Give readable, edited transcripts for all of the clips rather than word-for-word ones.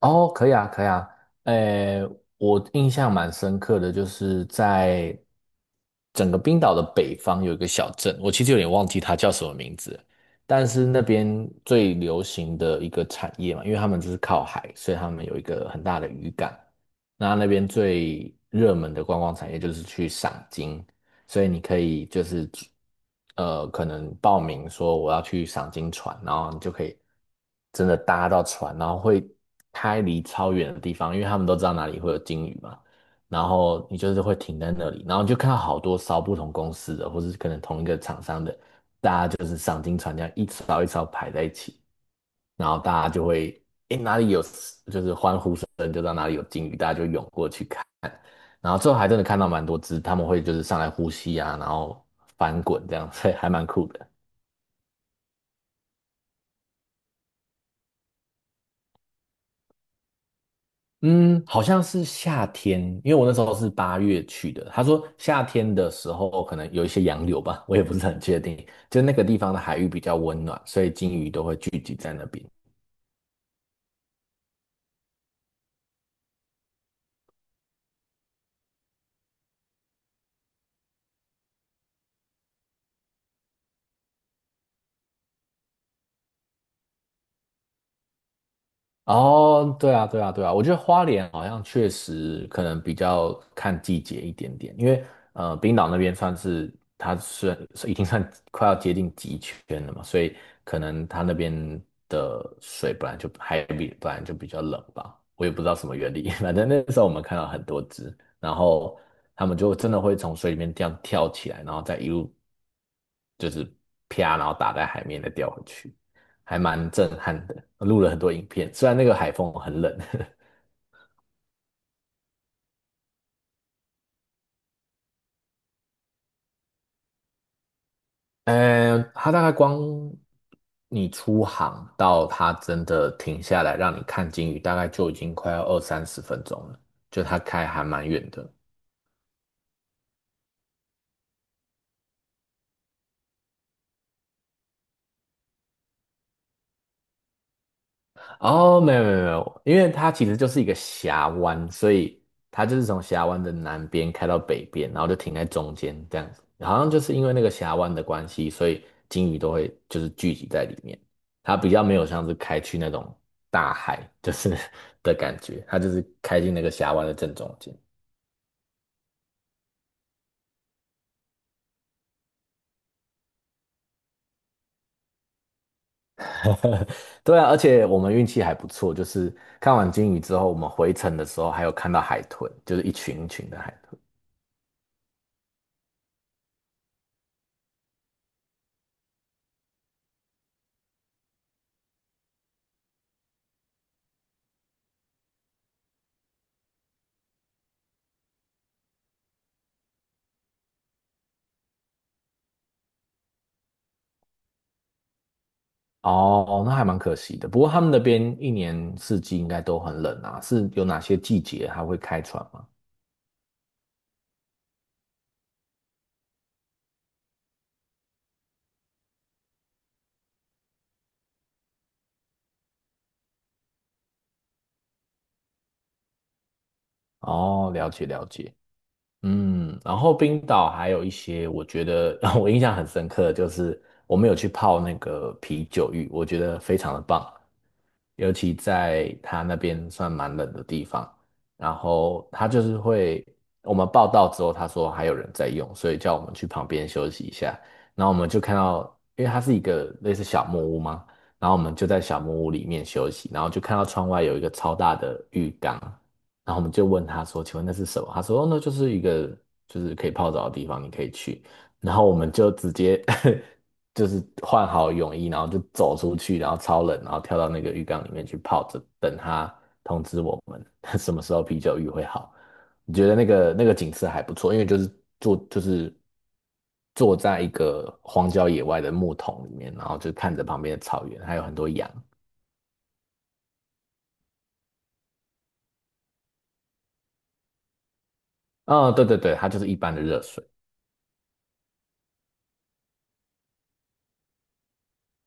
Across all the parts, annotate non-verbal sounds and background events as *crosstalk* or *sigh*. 哦，可以啊，可以啊。诶，我印象蛮深刻的，就是在整个冰岛的北方有一个小镇，我其实有点忘记它叫什么名字了，但是那边最流行的一个产业嘛，因为他们就是靠海，所以他们有一个很大的渔港。那那边最热门的观光产业就是去赏金，所以你可以就是可能报名说我要去赏金船，然后你就可以真的搭到船，然后会开离超远的地方，因为他们都知道哪里会有鲸鱼嘛。然后你就是会停在那里，然后你就看到好多艘不同公司的，或是可能同一个厂商的，它就是赏金船这样一艘一艘排在一起，然后大家就会，诶，哪里有，就是欢呼声就知道哪里有鲸鱼，大家就涌过去看。然后最后还真的看到蛮多只，他们会就是上来呼吸啊，然后翻滚这样，*laughs* 所以还蛮酷的。嗯，好像是夏天，因为我那时候是8月去的。他说夏天的时候可能有一些洋流吧，我也不是很确定。就那个地方的海域比较温暖，所以鲸鱼都会聚集在那边。哦，对啊，对啊，对啊，我觉得花莲好像确实可能比较看季节一点点，因为冰岛那边算是已经算快要接近极圈了嘛，所以可能它那边的水本来就比较冷吧，我也不知道什么原理。*laughs* 反正那时候我们看到很多只，然后它们就真的会从水里面这样跳起来，然后再一路就是啪，然后打在海面再掉回去。还蛮震撼的，录了很多影片。虽然那个海风很冷，*laughs* 它大概光你出航到它真的停下来让你看鲸鱼，大概就已经快要二三十分钟了，就它开还蛮远的。哦，没有没有没有，因为它其实就是一个峡湾，所以它就是从峡湾的南边开到北边，然后就停在中间这样子。好像就是因为那个峡湾的关系，所以鲸鱼都会就是聚集在里面。它比较没有像是开去那种大海，就是 *laughs* 的感觉，它就是开进那个峡湾的正中间。*laughs* 对啊，而且我们运气还不错，就是看完鲸鱼之后，我们回程的时候还有看到海豚，就是一群一群的海豚。哦，那还蛮可惜的。不过他们那边一年四季应该都很冷啊，是有哪些季节还会开船吗？哦，了解了解。嗯，然后冰岛还有一些，我觉得 *laughs* 我印象很深刻的就是我们有去泡那个啤酒浴，我觉得非常的棒，尤其在它那边算蛮冷的地方，然后它就是会，我们报到之后，他说还有人在用，所以叫我们去旁边休息一下，然后我们就看到，因为它是一个类似小木屋嘛，然后我们就在小木屋里面休息，然后就看到窗外有一个超大的浴缸。然后我们就问他说：“请问那是什么？”他说：“哦，那就是一个就是可以泡澡的地方，你可以去。”然后我们就直接 *laughs* 就是换好泳衣，然后就走出去，然后超冷，然后跳到那个浴缸里面去泡着，等他通知我们 *laughs* 什么时候啤酒浴会好。你觉得那个景色还不错，因为就是坐就是坐在一个荒郊野外的木桶里面，然后就看着旁边的草原，还有很多羊。啊，对对对，它就是一般的热水。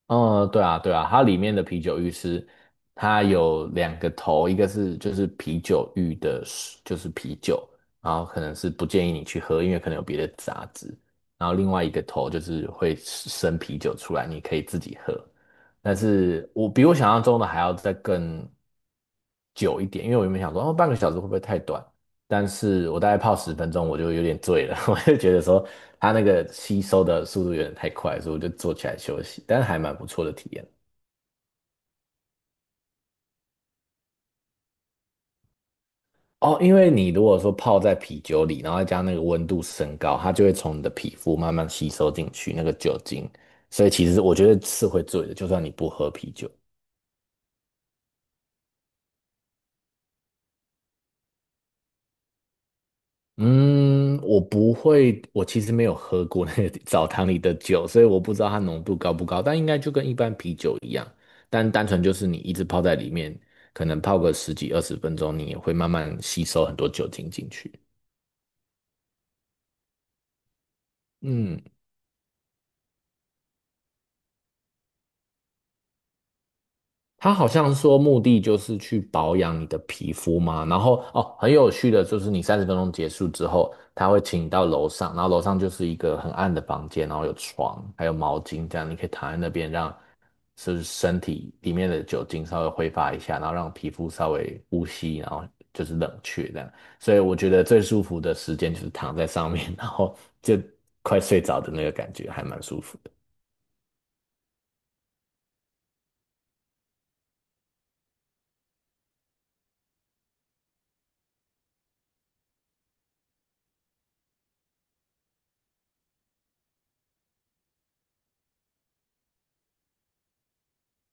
嗯，对啊，对啊，它里面的啤酒浴是它有两个头，一个是就是啤酒浴的水就是啤酒，然后可能是不建议你去喝，因为可能有别的杂质。然后另外一个头就是会生啤酒出来，你可以自己喝。但是我比我想象中的还要再更久一点，因为我原本想说，哦，半个小时会不会太短？但是我大概泡十分钟，我就有点醉了，*laughs* 我就觉得说它那个吸收的速度有点太快，所以我就坐起来休息，但是还蛮不错的体验。哦，因为你如果说泡在啤酒里，然后再加那个温度升高，它就会从你的皮肤慢慢吸收进去那个酒精，所以其实我觉得是会醉的，就算你不喝啤酒。嗯，我不会，我其实没有喝过那个 *laughs* 澡堂里的酒，所以我不知道它浓度高不高，但应该就跟一般啤酒一样，但单纯就是你一直泡在里面，可能泡个十几二十分钟，你也会慢慢吸收很多酒精进去。嗯，他好像说目的就是去保养你的皮肤嘛，然后哦，很有趣的就是你三十分钟结束之后，他会请你到楼上，然后楼上就是一个很暗的房间，然后有床，还有毛巾，这样你可以躺在那边让就是身体里面的酒精稍微挥发一下，然后让皮肤稍微呼吸，然后就是冷却这样。所以我觉得最舒服的时间就是躺在上面，*laughs* 然后就快睡着的那个感觉，还蛮舒服的。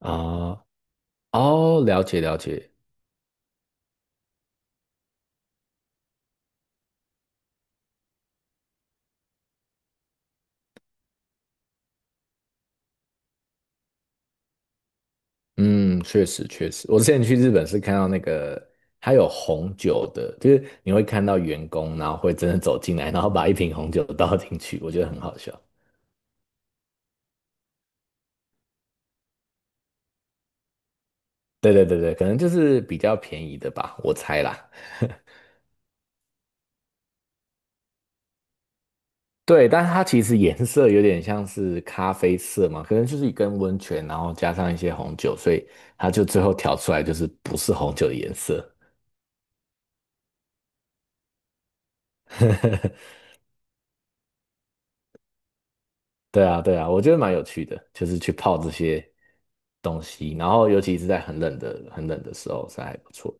啊、哦，了解了解。嗯，确实确实，我之前去日本是看到那个，它有红酒的，就是你会看到员工，然后会真的走进来，然后把一瓶红酒倒进去，我觉得很好笑。对对对对，可能就是比较便宜的吧，我猜啦。*laughs* 对，但是它其实颜色有点像是咖啡色嘛，可能就是一根温泉，然后加上一些红酒，所以它就最后调出来就是不是红酒的颜色。*laughs* 对啊，对啊，我觉得蛮有趣的，就是去泡这些东西，然后尤其是在很冷的、很冷的时候，是还不错。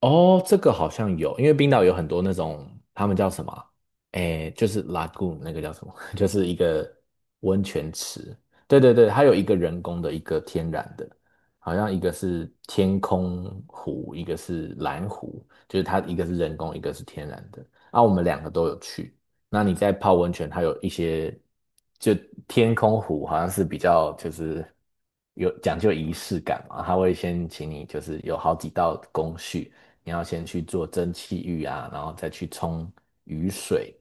哦，这个好像有，因为冰岛有很多那种，他们叫什么啊？诶，就是 lagoon 那个叫什么？*laughs* 就是一个温泉池。对对对，它有一个人工的，一个天然的，好像一个是天空湖，一个是蓝湖，就是它一个是人工，一个是天然的。啊，我们两个都有去。那你在泡温泉，它有一些，就天空湖好像是比较就是有讲究仪式感嘛，它会先请你就是有好几道工序。你要先去做蒸汽浴啊，然后再去冲雨水，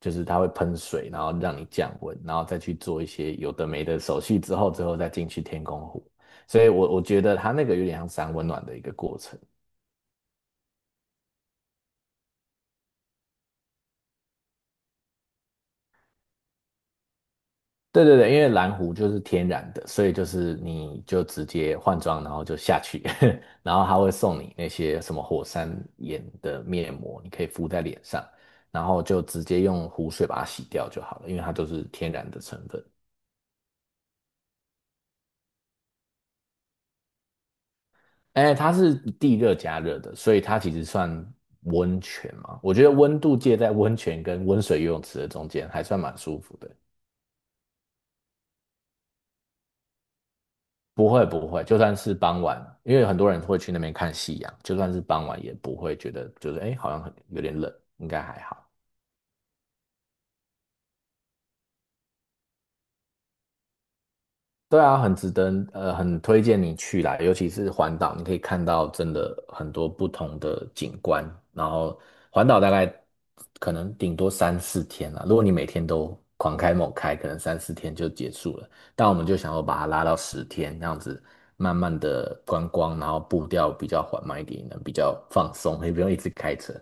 就是它会喷水，然后让你降温，然后再去做一些有的没的手续之后，之后再进去天空湖。所以我觉得它那个有点像三温暖的一个过程。对对对，因为蓝湖就是天然的，所以就是你就直接换装，然后就下去，*laughs* 然后他会送你那些什么火山岩的面膜，你可以敷在脸上，然后就直接用湖水把它洗掉就好了，因为它都是天然的成分。哎，它是地热加热的，所以它其实算温泉嘛。我觉得温度介在温泉跟温水游泳池的中间，还算蛮舒服的。不会不会，就算是傍晚，因为很多人会去那边看夕阳，就算是傍晚也不会觉得就是哎，好像很有点冷，应该还好。对啊，很值得，很推荐你去啦，尤其是环岛，你可以看到真的很多不同的景观。然后环岛大概可能顶多三四天啦，如果你每天都狂开猛开，可能三四天就结束了。但我们就想要把它拉到10天，这样子慢慢的观光，然后步调比较缓慢一点，能比较放松，也不用一直开车。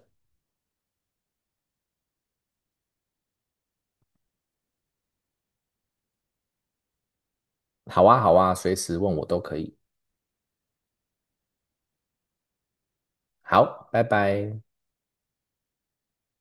好啊，好啊，随时问我都可以。好，拜拜。